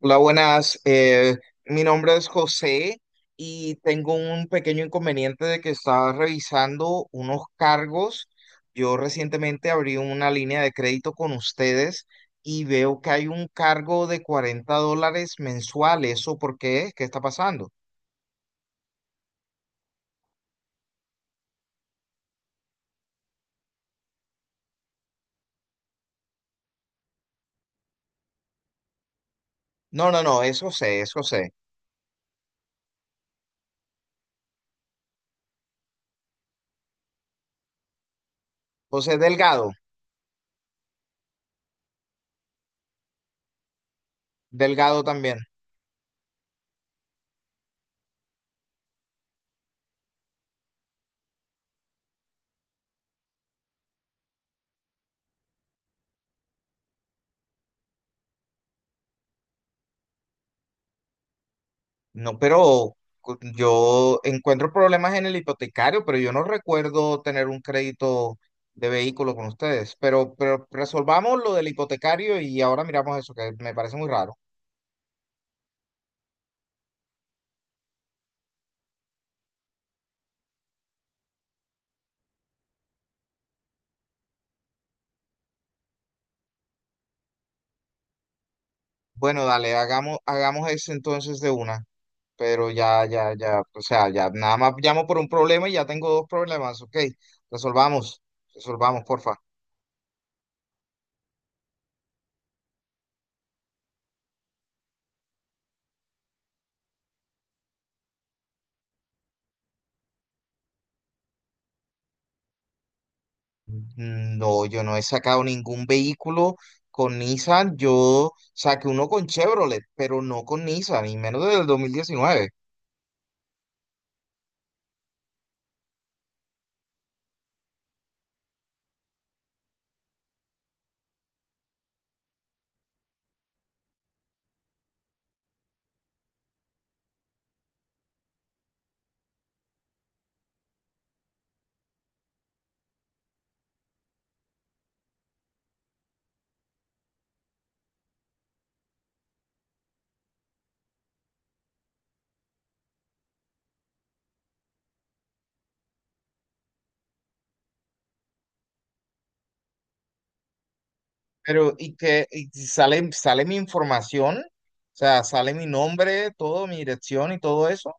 Hola, buenas. Mi nombre es José y tengo un pequeño inconveniente de que estaba revisando unos cargos. Yo recientemente abrí una línea de crédito con ustedes y veo que hay un cargo de $40 mensual. ¿Eso por qué? ¿Qué está pasando? No, no, no, es José, es José. José Delgado, Delgado también. No, pero yo encuentro problemas en el hipotecario, pero yo no recuerdo tener un crédito de vehículo con ustedes. Pero resolvamos lo del hipotecario y ahora miramos eso, que me parece muy raro. Bueno, dale, hagamos eso entonces de una. Pero ya, o sea, ya nada más llamo por un problema y ya tengo dos problemas, ok. Resolvamos, resolvamos, porfa. Mm, no, yo no he sacado ningún vehículo con Nissan. Yo saqué uno con Chevrolet, pero no con Nissan, y menos desde el 2019. Pero, y sale, sale mi información, o sea, sale mi nombre, todo, mi dirección y todo eso.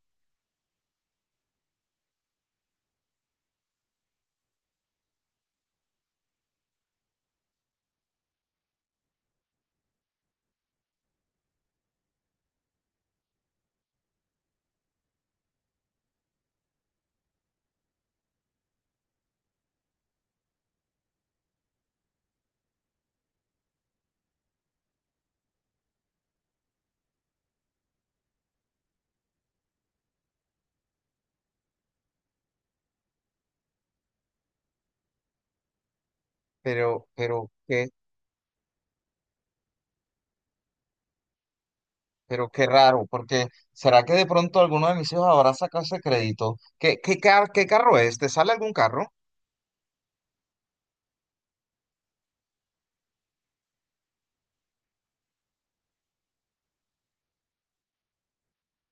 Pero, pero, qué, pero qué raro, porque ¿será que de pronto alguno de mis hijos habrá sacado ese crédito? ¿Qué, qué carro es? ¿Te sale algún carro?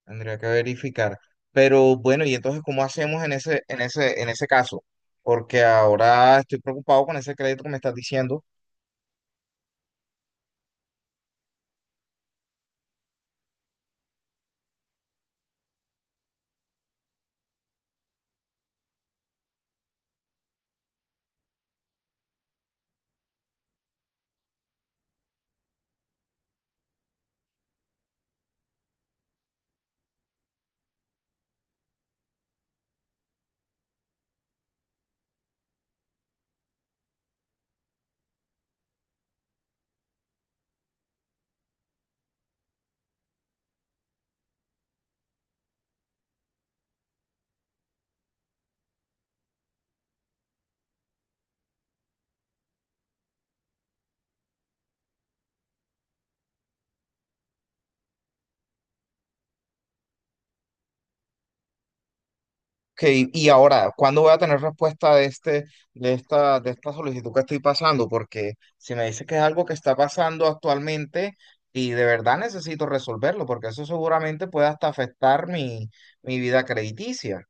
Tendría que verificar. Pero bueno, y entonces, ¿cómo hacemos en ese caso? Porque ahora estoy preocupado con ese crédito que me estás diciendo. Que, y ahora, ¿cuándo voy a tener respuesta de esta solicitud que estoy pasando? Porque si me dice que es algo que está pasando actualmente y de verdad necesito resolverlo, porque eso seguramente puede hasta afectar mi, mi vida crediticia.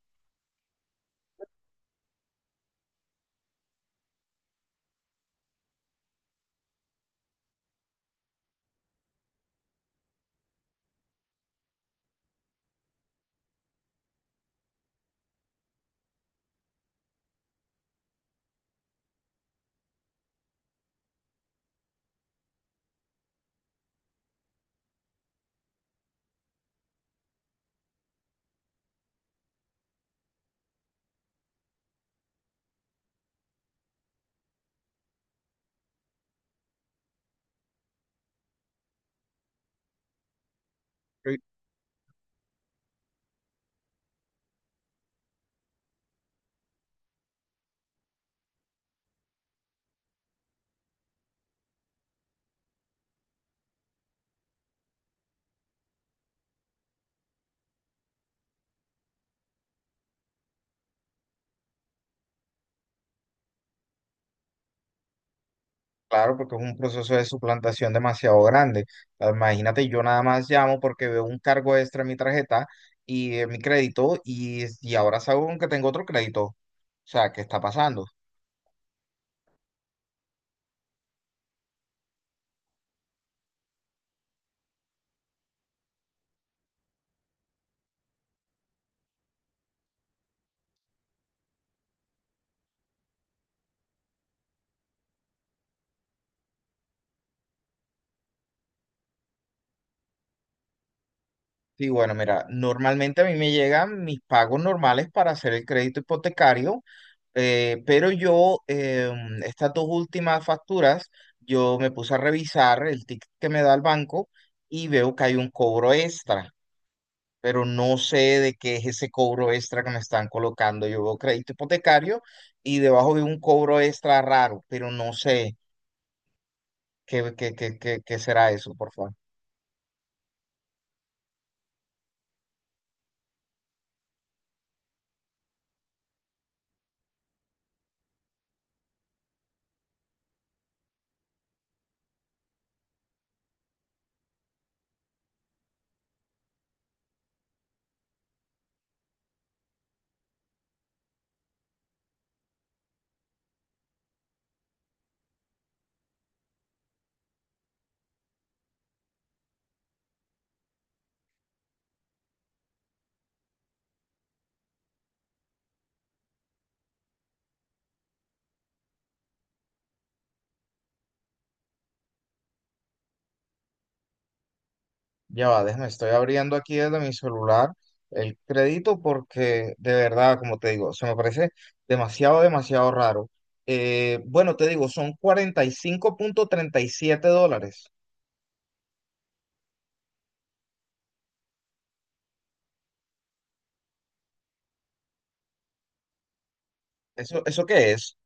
Claro, porque es un proceso de suplantación demasiado grande. Ah, imagínate, yo nada más llamo porque veo un cargo extra en mi tarjeta y en mi crédito y ahora salgo que tengo otro crédito. O sea, ¿qué está pasando? Sí, bueno, mira, normalmente a mí me llegan mis pagos normales para hacer el crédito hipotecario, pero yo, estas dos últimas facturas, yo me puse a revisar el ticket que me da el banco y veo que hay un cobro extra, pero no sé de qué es ese cobro extra que me están colocando. Yo veo crédito hipotecario y debajo veo un cobro extra raro, pero no sé qué será eso, por favor. Ya va, déjame, estoy abriendo aquí desde mi celular el crédito porque de verdad, como te digo, se me parece demasiado raro. Bueno, te digo, son cuarenta y cinco punto treinta y siete dólares. ¿Eso, eso qué es?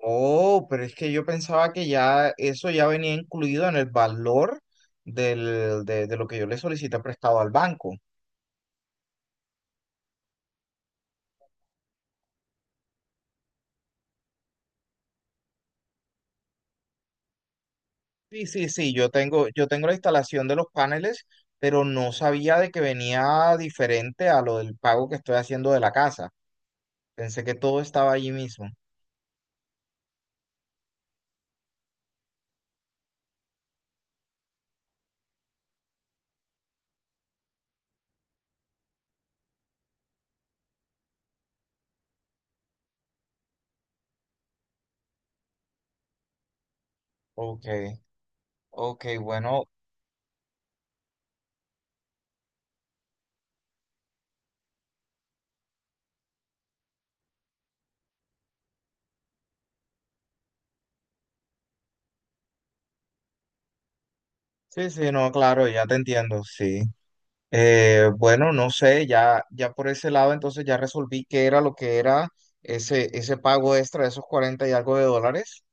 Oh, pero es que yo pensaba que ya eso ya venía incluido en el valor de lo que yo le solicité prestado al banco. Sí, yo tengo la instalación de los paneles, pero no sabía de que venía diferente a lo del pago que estoy haciendo de la casa. Pensé que todo estaba allí mismo. Ok, ok, bueno, sí, sí, no, claro, ya te entiendo, sí. Bueno, no sé, ya por ese lado entonces ya resolví qué era lo que era ese pago extra de esos 40 y algo de dólares.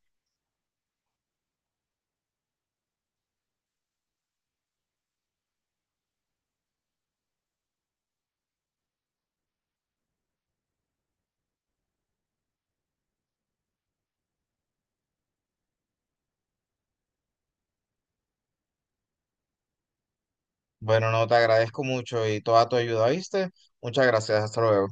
Bueno, no, te agradezco mucho y toda tu ayuda, ¿viste? Muchas gracias, hasta luego.